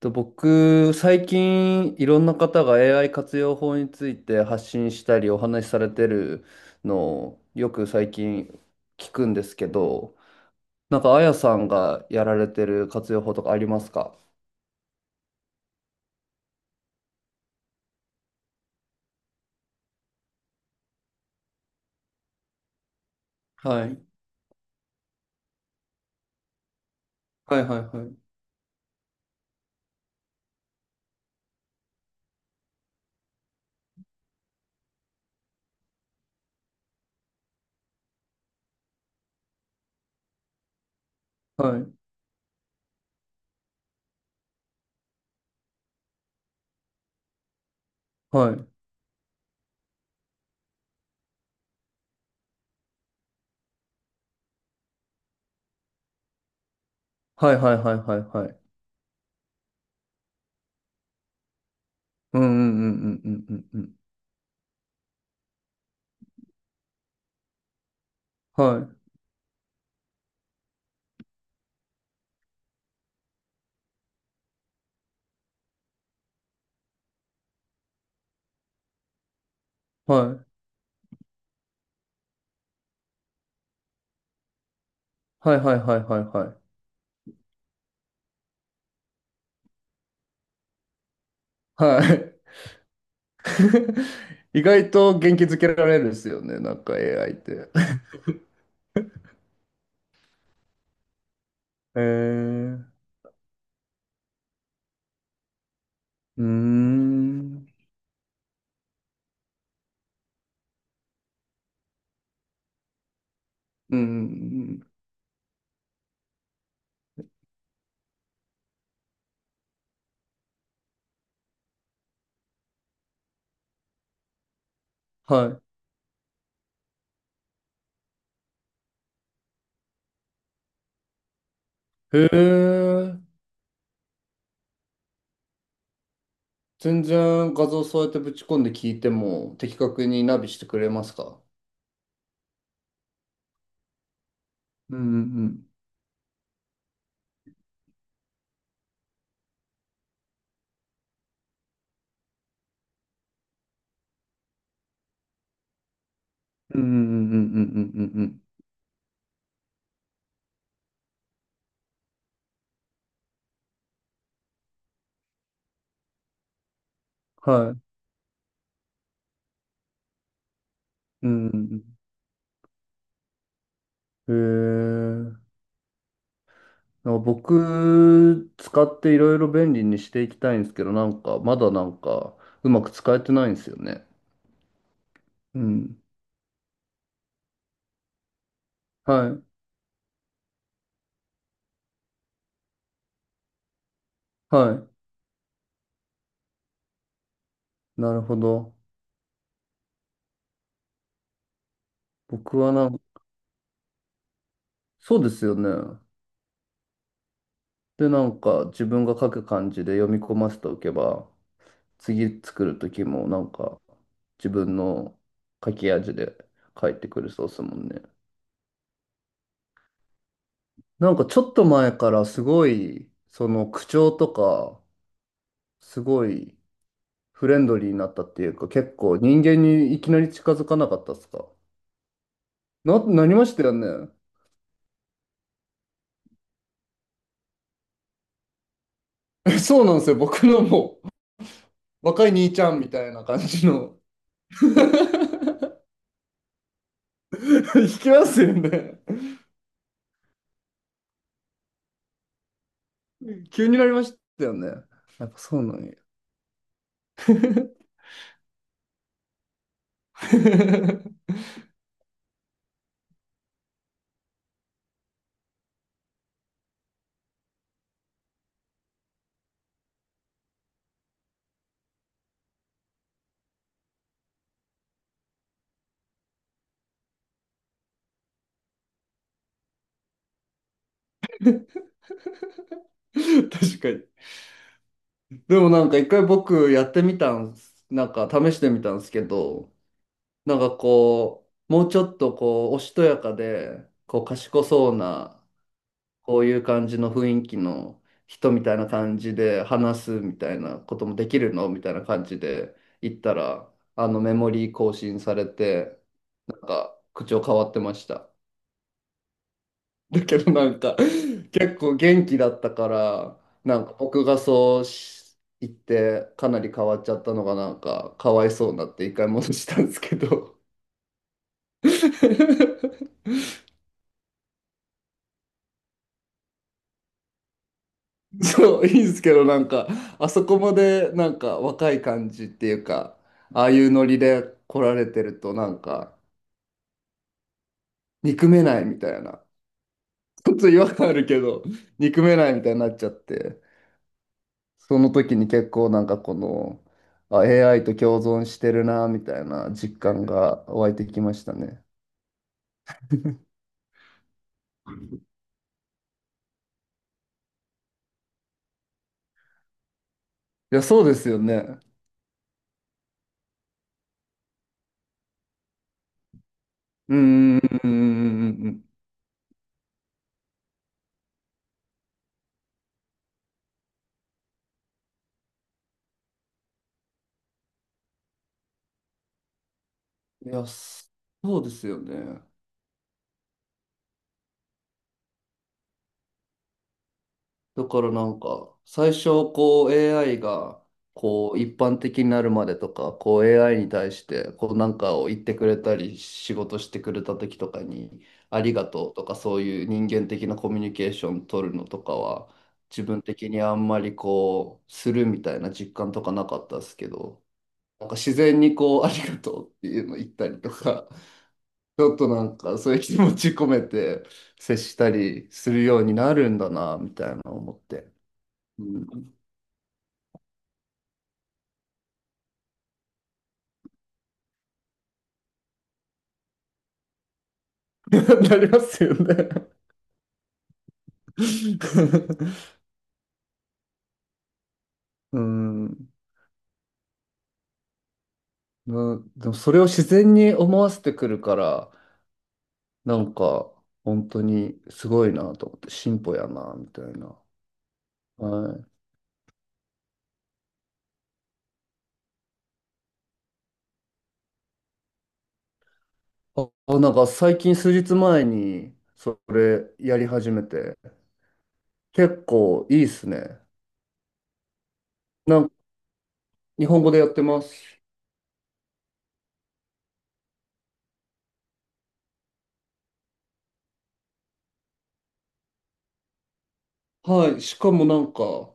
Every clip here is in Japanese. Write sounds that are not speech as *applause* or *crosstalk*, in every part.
と僕、最近いろんな方が AI 活用法について発信したりお話しされてるのをよく最近聞くんですけど、なんかあやさんがやられてる活用法とかありますか？はい。はいはいはいはいはいはいはいはいはいはいうんうんうんうんうんうんうんはいはいはいはいはいはいはいはい *laughs* 意外と元気づけられるですよねなんか AI って。 *laughs* へえうーん。うん。はい。へえ。全然画像そうやってぶち込んで聞いても的確にナビしてくれますか？うんうんうんうんうんうんうんうんうんはい。うんうんうんへえ。なんか僕、使っていろいろ便利にしていきたいんですけど、なんか、まだなんか、うまく使えてないんですよね。うん。はい。はい。なるほど。僕はなんそうですよね。で、なんか自分が書く感じで読み込ませておけば、次作る時もなんか自分の書き味で書いてくるそうですもんね。なんかちょっと前からすごい、その口調とか、すごいフレンドリーになったっていうか、結構人間にいきなり近づかなかったっすか？なりましたよね。*laughs* えそうなんですよ。僕のもう若い兄ちゃんみたいな感じの。 *laughs* 引きますよね。うん、急になりましたよね。やっぱそうなんや。*laughs* 確かに。でもなんか一回僕やってみたんす、なんか試してみたんですけど、なんかこう、もうちょっとこう、おしとやかで、こう、賢そうな、こういう感じの雰囲気の人みたいな感じで話すみたいなこともできるのみたいな感じで言ったら、あのメモリー更新されて、なんか口調変わってました。だけどなんか結構元気だったからなんか僕がそうし言ってかなり変わっちゃったのがなんかかわいそうになって一回戻したんですけど。 *laughs* そういいんですけどなんかあそこまでなんか若い感じっていうかああいうノリで来られてるとなんか憎めないみたいな、ちょっと違和感あるけど憎めないみたいになっちゃって。その時に結構なんかこの、あ、AI と共存してるな、みたいな実感が湧いてきましたね。いや、そうですよね。うん、うん、うん、うん、うん。うんうんいや、そうですよね。だからなんか、最初こう AI がこう一般的になるまでとか、こう AI に対してこうなんかを言ってくれたり、仕事してくれた時とかに、ありがとうとかそういう人間的なコミュニケーション取るのとかは、自分的にあんまりこう、するみたいな実感とかなかったですけど、なんか自然にこう、ありがとうっていうの言ったりとか、*laughs* ちょっとなんかそういう気持ち込めて接したりするようになるんだな、みたいな思って。うん *laughs* なりますよね。うん。でもそれを自然に思わせてくるから、なんか、本当にすごいなと思って、進歩やな、みたいな。はい。あ、なんか最近数日前に、それやり始めて、結構いいっすね。なんか、日本語でやってます。はい。しかもなんか、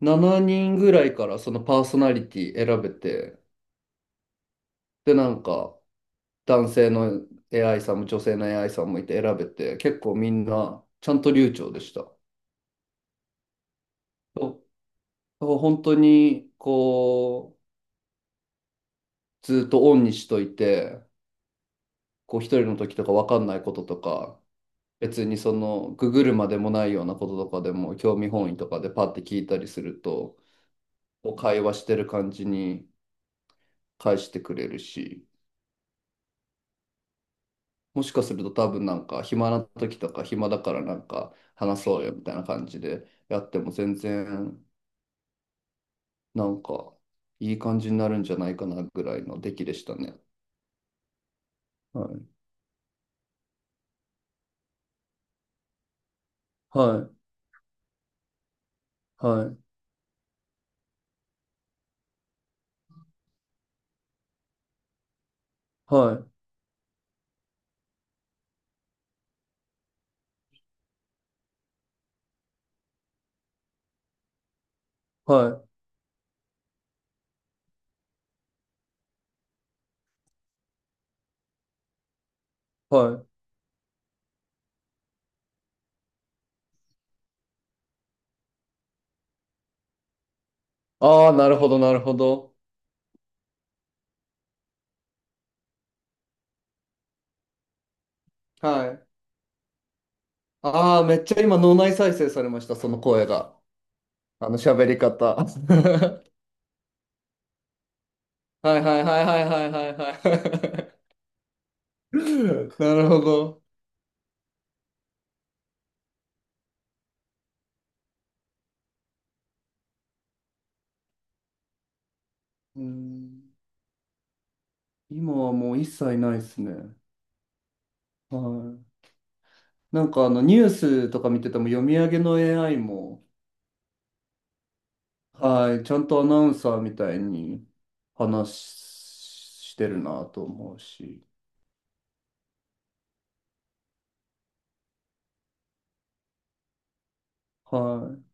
7人ぐらいからそのパーソナリティ選べて、で、なんか、男性の AI さんも女性の AI さんもいて選べて、結構みんなちゃんと流暢でした。と本当に、こう、ずっとオンにしといて、こう、一人の時とか分かんないこととか、別にその、ググるまでもないようなこととかでも、興味本位とかでパッて聞いたりすると、こう会話してる感じに返してくれるし、もしかすると多分なんか、暇な時とか、暇だからなんか、話そうよみたいな感じでやっても全然、なんか、いい感じになるんじゃないかなぐらいの出来でしたね。はい。はい。はい。はい。はい。はい。ああ、なるほど、なるほど。はい。ああ、めっちゃ今脳内再生されました、その声が。あの喋り方。*laughs* いはいはいはいはいはいは*laughs* なるほど。うん、今はもう一切ないですね。はい。なんかあのニュースとか見てても読み上げの AI も、はい、ちゃんとアナウンサーみたいに話してるなと思うし、は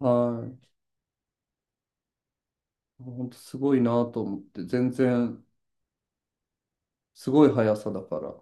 い、はい、本当すごいなと思って、全然すごい速さだから。